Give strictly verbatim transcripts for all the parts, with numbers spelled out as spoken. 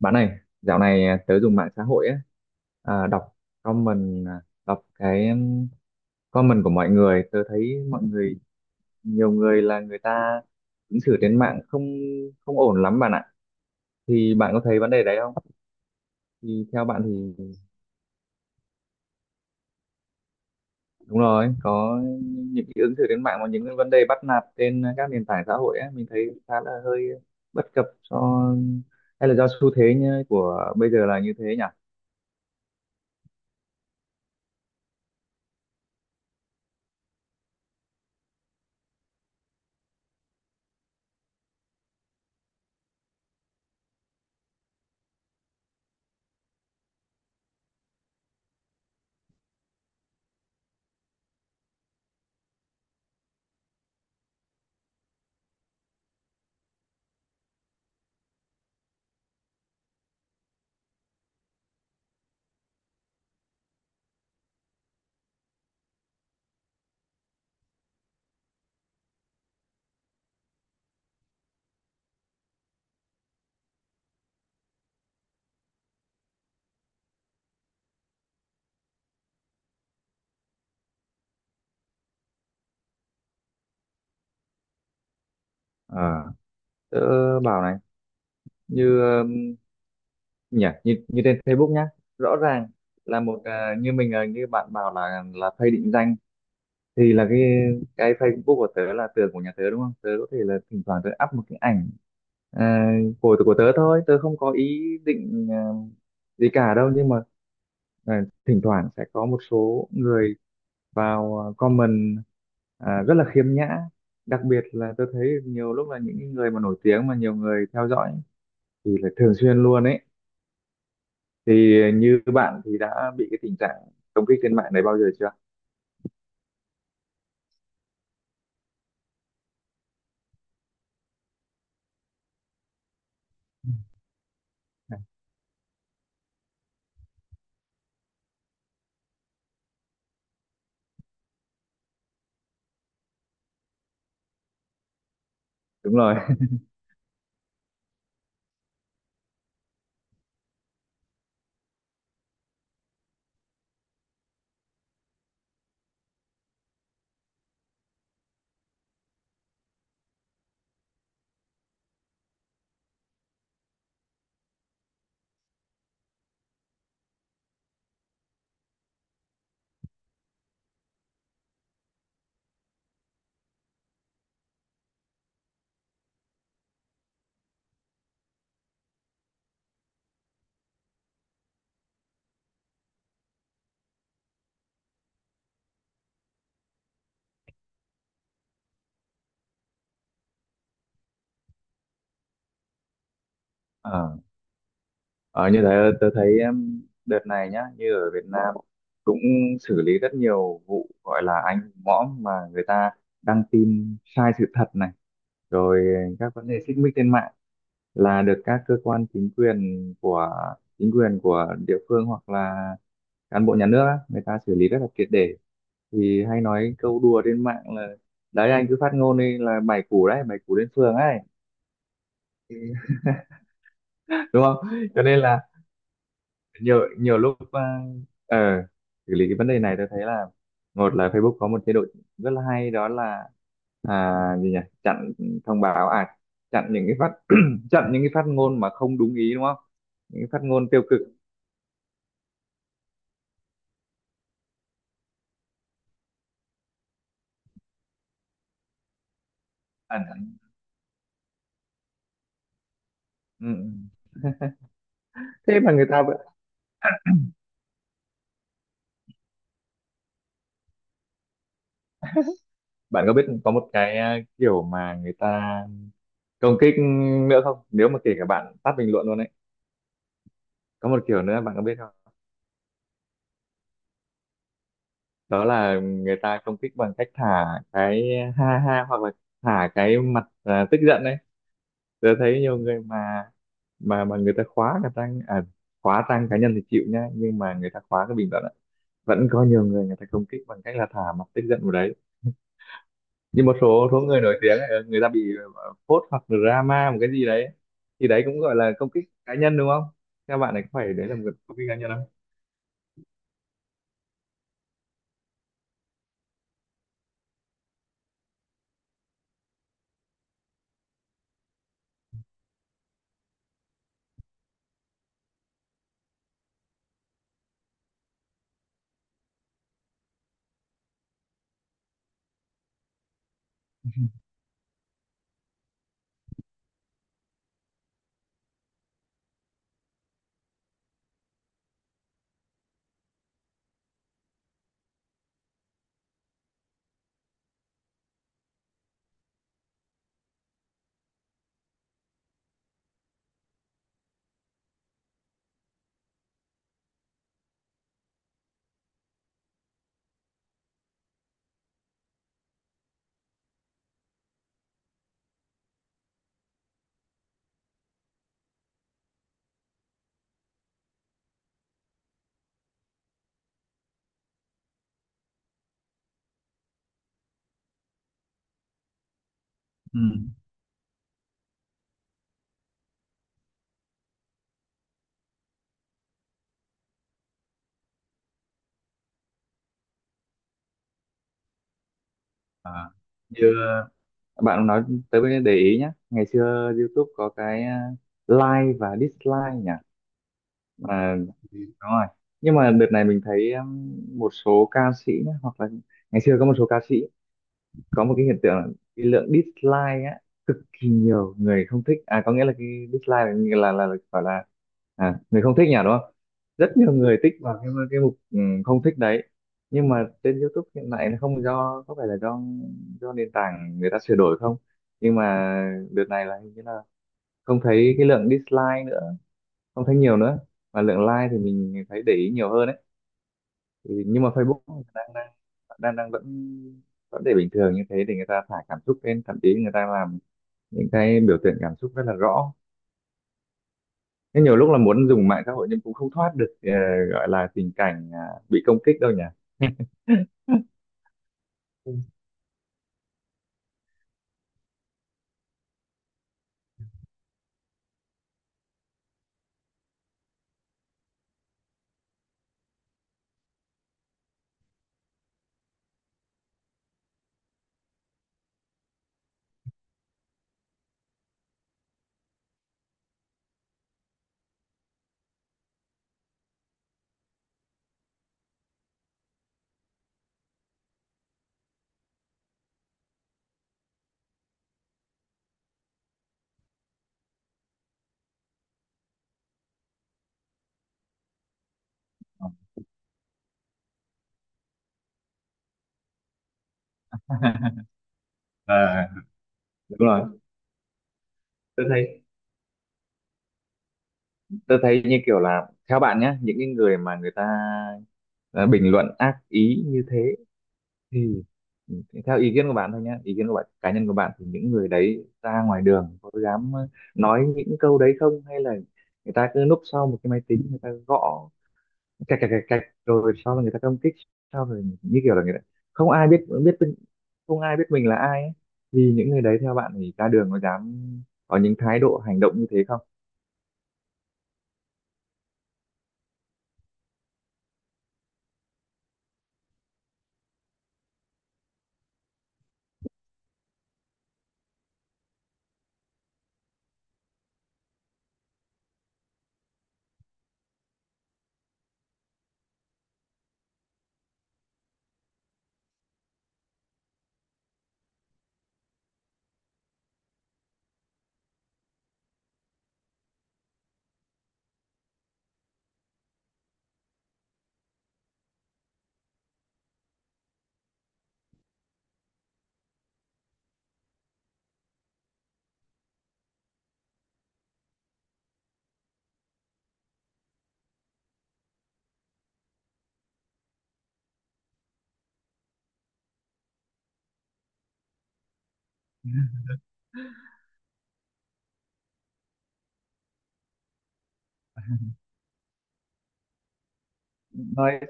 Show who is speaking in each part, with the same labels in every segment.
Speaker 1: Bạn này, dạo này à, tớ dùng mạng xã hội á, à, đọc comment, à, đọc cái um, comment của mọi người, tớ thấy mọi người, nhiều người là người ta ứng xử trên mạng không không ổn lắm bạn ạ. Thì bạn có thấy vấn đề đấy không? Thì theo bạn thì Đúng rồi, có những cái ứng xử trên mạng và những cái vấn đề bắt nạt trên các nền tảng xã hội á, mình thấy khá là hơi bất cập cho hay là do xu thế như của bây giờ là như thế nhỉ? Ờ, Tớ bảo này, như nhỉ như, như trên Facebook nhá, rõ ràng là một à, như mình à, như bạn bảo là là phay định danh, thì là cái cái Facebook của tớ là tường của nhà tớ, đúng không? Tớ có thể là thỉnh thoảng tớ up một cái ảnh à, của của tớ thôi, tớ không có ý định à, gì cả đâu, nhưng mà à, thỉnh thoảng sẽ có một số người vào à, comment à, rất là khiêm nhã. Đặc biệt là tôi thấy nhiều lúc là những người mà nổi tiếng mà nhiều người theo dõi thì là thường xuyên luôn ấy. Thì như bạn thì đã bị cái tình trạng công kích trên mạng này bao giờ chưa? Đúng rồi. ờ Ờ, Như thế tôi thấy em, đợt này nhá, như ở Việt Nam cũng xử lý rất nhiều vụ gọi là anh mõm mà người ta đăng tin sai sự thật này, rồi các vấn đề xích mích trên mạng là được các cơ quan chính quyền của chính quyền của địa phương hoặc là cán bộ nhà nước á, người ta xử lý rất là triệt để. Thì hay nói câu đùa trên mạng là đấy, anh cứ phát ngôn đi là bảy củ đấy, bảy củ đến phường ấy. Đúng không? Cho nên là nhiều nhiều lúc ờ ờ, xử lý cái vấn đề này tôi thấy là một là Facebook có một chế độ rất là hay, đó là à, gì nhỉ chặn thông báo, à chặn những cái phát chặn những cái phát ngôn mà không đúng ý, đúng không? Những cái phát ngôn tiêu cực, ẩn ẩn. Ừ. Ừ. Thế mà người ta vẫn- Bạn có biết có một cái à, kiểu mà người ta công kích nữa không, nếu mà kể cả bạn tắt bình luận luôn đấy? Có một kiểu nữa bạn có biết không? Đó là người ta công kích bằng cách thả cái ha ha, hoặc là thả cái mặt à, tức giận đấy. Tôi thấy nhiều người mà mà mà người ta khóa cả trang à, khóa trang cá nhân thì chịu nhá, nhưng mà người ta khóa cái bình luận ạ. Vẫn có nhiều người, người ta công kích bằng cách là thả mặt tức giận vào đấy. Nhưng một số số người nổi tiếng ấy, ờ, người ta bị ờ, phốt hoặc drama một cái gì đấy, thì đấy cũng gọi là công kích cá nhân, đúng không? Các bạn này, có phải đấy là một công kích cá nhân không? Ừ. À, như bạn nói tới bên, để ý nhé, ngày xưa YouTube có cái à, like và dislike nhỉ, mà Ừ, đúng rồi, nhưng mà đợt này mình thấy um, một số ca sĩ nhá, hoặc là ngày xưa có một số ca sĩ có một cái hiện tượng là cái lượng dislike á, cực kỳ nhiều người không thích, à có nghĩa là cái dislike là là là, là gọi là à, người không thích nhỉ, đúng không? Rất nhiều người tích vào cái cái mục ừ, không thích đấy. Nhưng mà trên YouTube hiện tại nó không, do có phải là do do nền tảng người ta sửa đổi không, nhưng mà đợt này là hình như là không thấy cái lượng dislike nữa, không thấy nhiều nữa, mà lượng like thì mình thấy để ý nhiều hơn ấy. Thì nhưng mà Facebook đang đang đang đang vẫn vẫn để bình thường như thế, để người ta thả cảm xúc lên, thậm chí người ta làm những cái biểu tượng cảm xúc rất là rõ. Thế nhiều lúc là muốn dùng mạng xã hội nhưng cũng không thoát được ờ, gọi là tình cảnh à, bị công kích đâu nhỉ. Ừ. À, đúng rồi, tôi thấy tôi thấy như kiểu là theo bạn nhé, những cái người mà người ta à, bình luận ác ý như thế, thì theo ý kiến của bạn thôi nhé, ý kiến của bạn cá nhân của bạn, thì những người đấy ra ngoài đường có dám nói những câu đấy không, hay là người ta cứ núp sau một cái máy tính, người ta gõ cạch cạch cạch cạch rồi sau là người ta công kích, sau rồi như kiểu là người ta không ai biết biết mình- không ai biết mình là ai ấy. Vì những người đấy, theo bạn thì ra đường có dám có những thái độ hành động như thế không? nói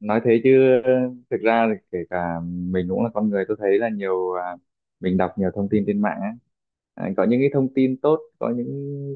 Speaker 1: nói thế chứ ờ, thực ra thì kể cả mình cũng là con người, tôi thấy là nhiều à, mình đọc nhiều thông tin trên mạng á. À, có những cái thông tin tốt, có những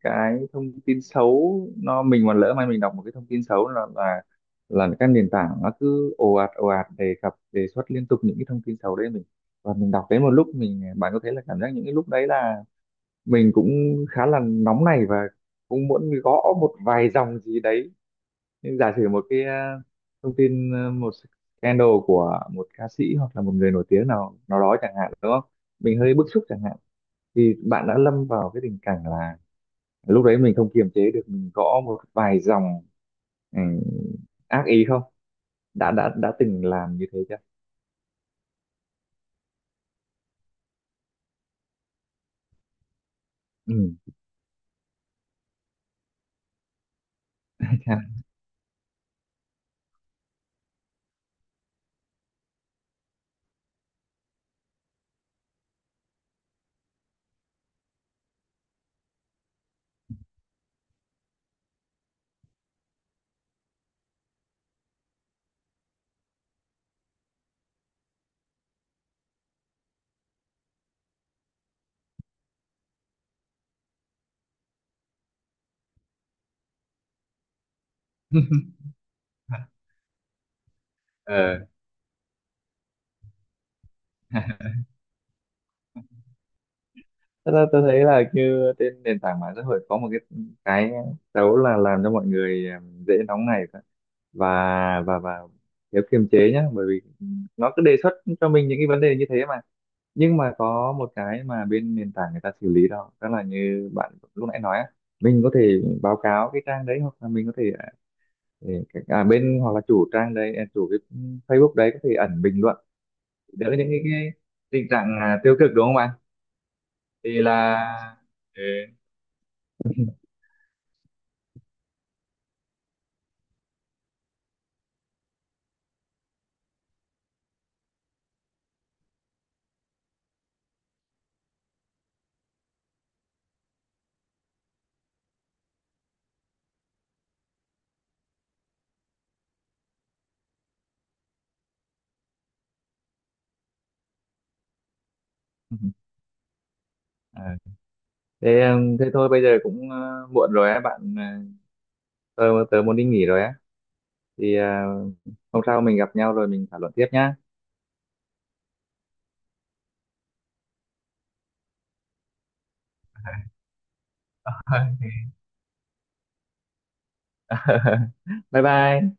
Speaker 1: cái thông tin xấu. Nó mình mà lỡ mà mình đọc một cái thông tin xấu là là là các nền tảng nó cứ ồ ạt ồ ạt đề cập đề xuất liên tục những cái thông tin xấu đấy mình, và mình đọc đến một lúc mình, bạn có thấy là cảm giác những cái lúc đấy là mình cũng khá là nóng này, và cũng muốn gõ một vài dòng gì đấy. Nhưng giả sử một cái ờ, thông tin ờ, một scandal của một ca sĩ hoặc là một người nổi tiếng nào nào đó chẳng hạn, đúng không? Mình hơi bức xúc chẳng hạn, thì bạn đã lâm vào cái tình cảnh là lúc đấy mình không kiềm chế được, mình gõ một vài dòng ừ, ác ý không? Đã đã đã từng làm như thế chưa? Ừ. Ờ, thật ra tôi thấy là như trên nền tảng mạng xã hội có một cái cái xấu là làm cho mọi người um, dễ nóng này, và và và thiếu kiềm chế nhá, bởi vì nó cứ đề xuất cho mình những cái vấn đề như thế mà. Nhưng mà có một cái mà bên nền tảng người ta xử lý đó đó là như bạn lúc nãy nói á, mình có thể báo cáo cái trang đấy, hoặc là mình có thể à, à, bên hoặc là chủ trang đấy à, chủ cái Facebook đấy có thể ẩn bình luận, đỡ những cái, cái tình trạng à, tiêu cực, đúng không bạn? Thì là ừ. Ờ, thế ừm, thế thôi bây giờ cũng ờ, muộn rồi á bạn, ờ, tớ tớ muốn đi nghỉ rồi á, thì ờ, hôm sau mình gặp nhau rồi mình thảo luận tiếp nhá. Bye bye.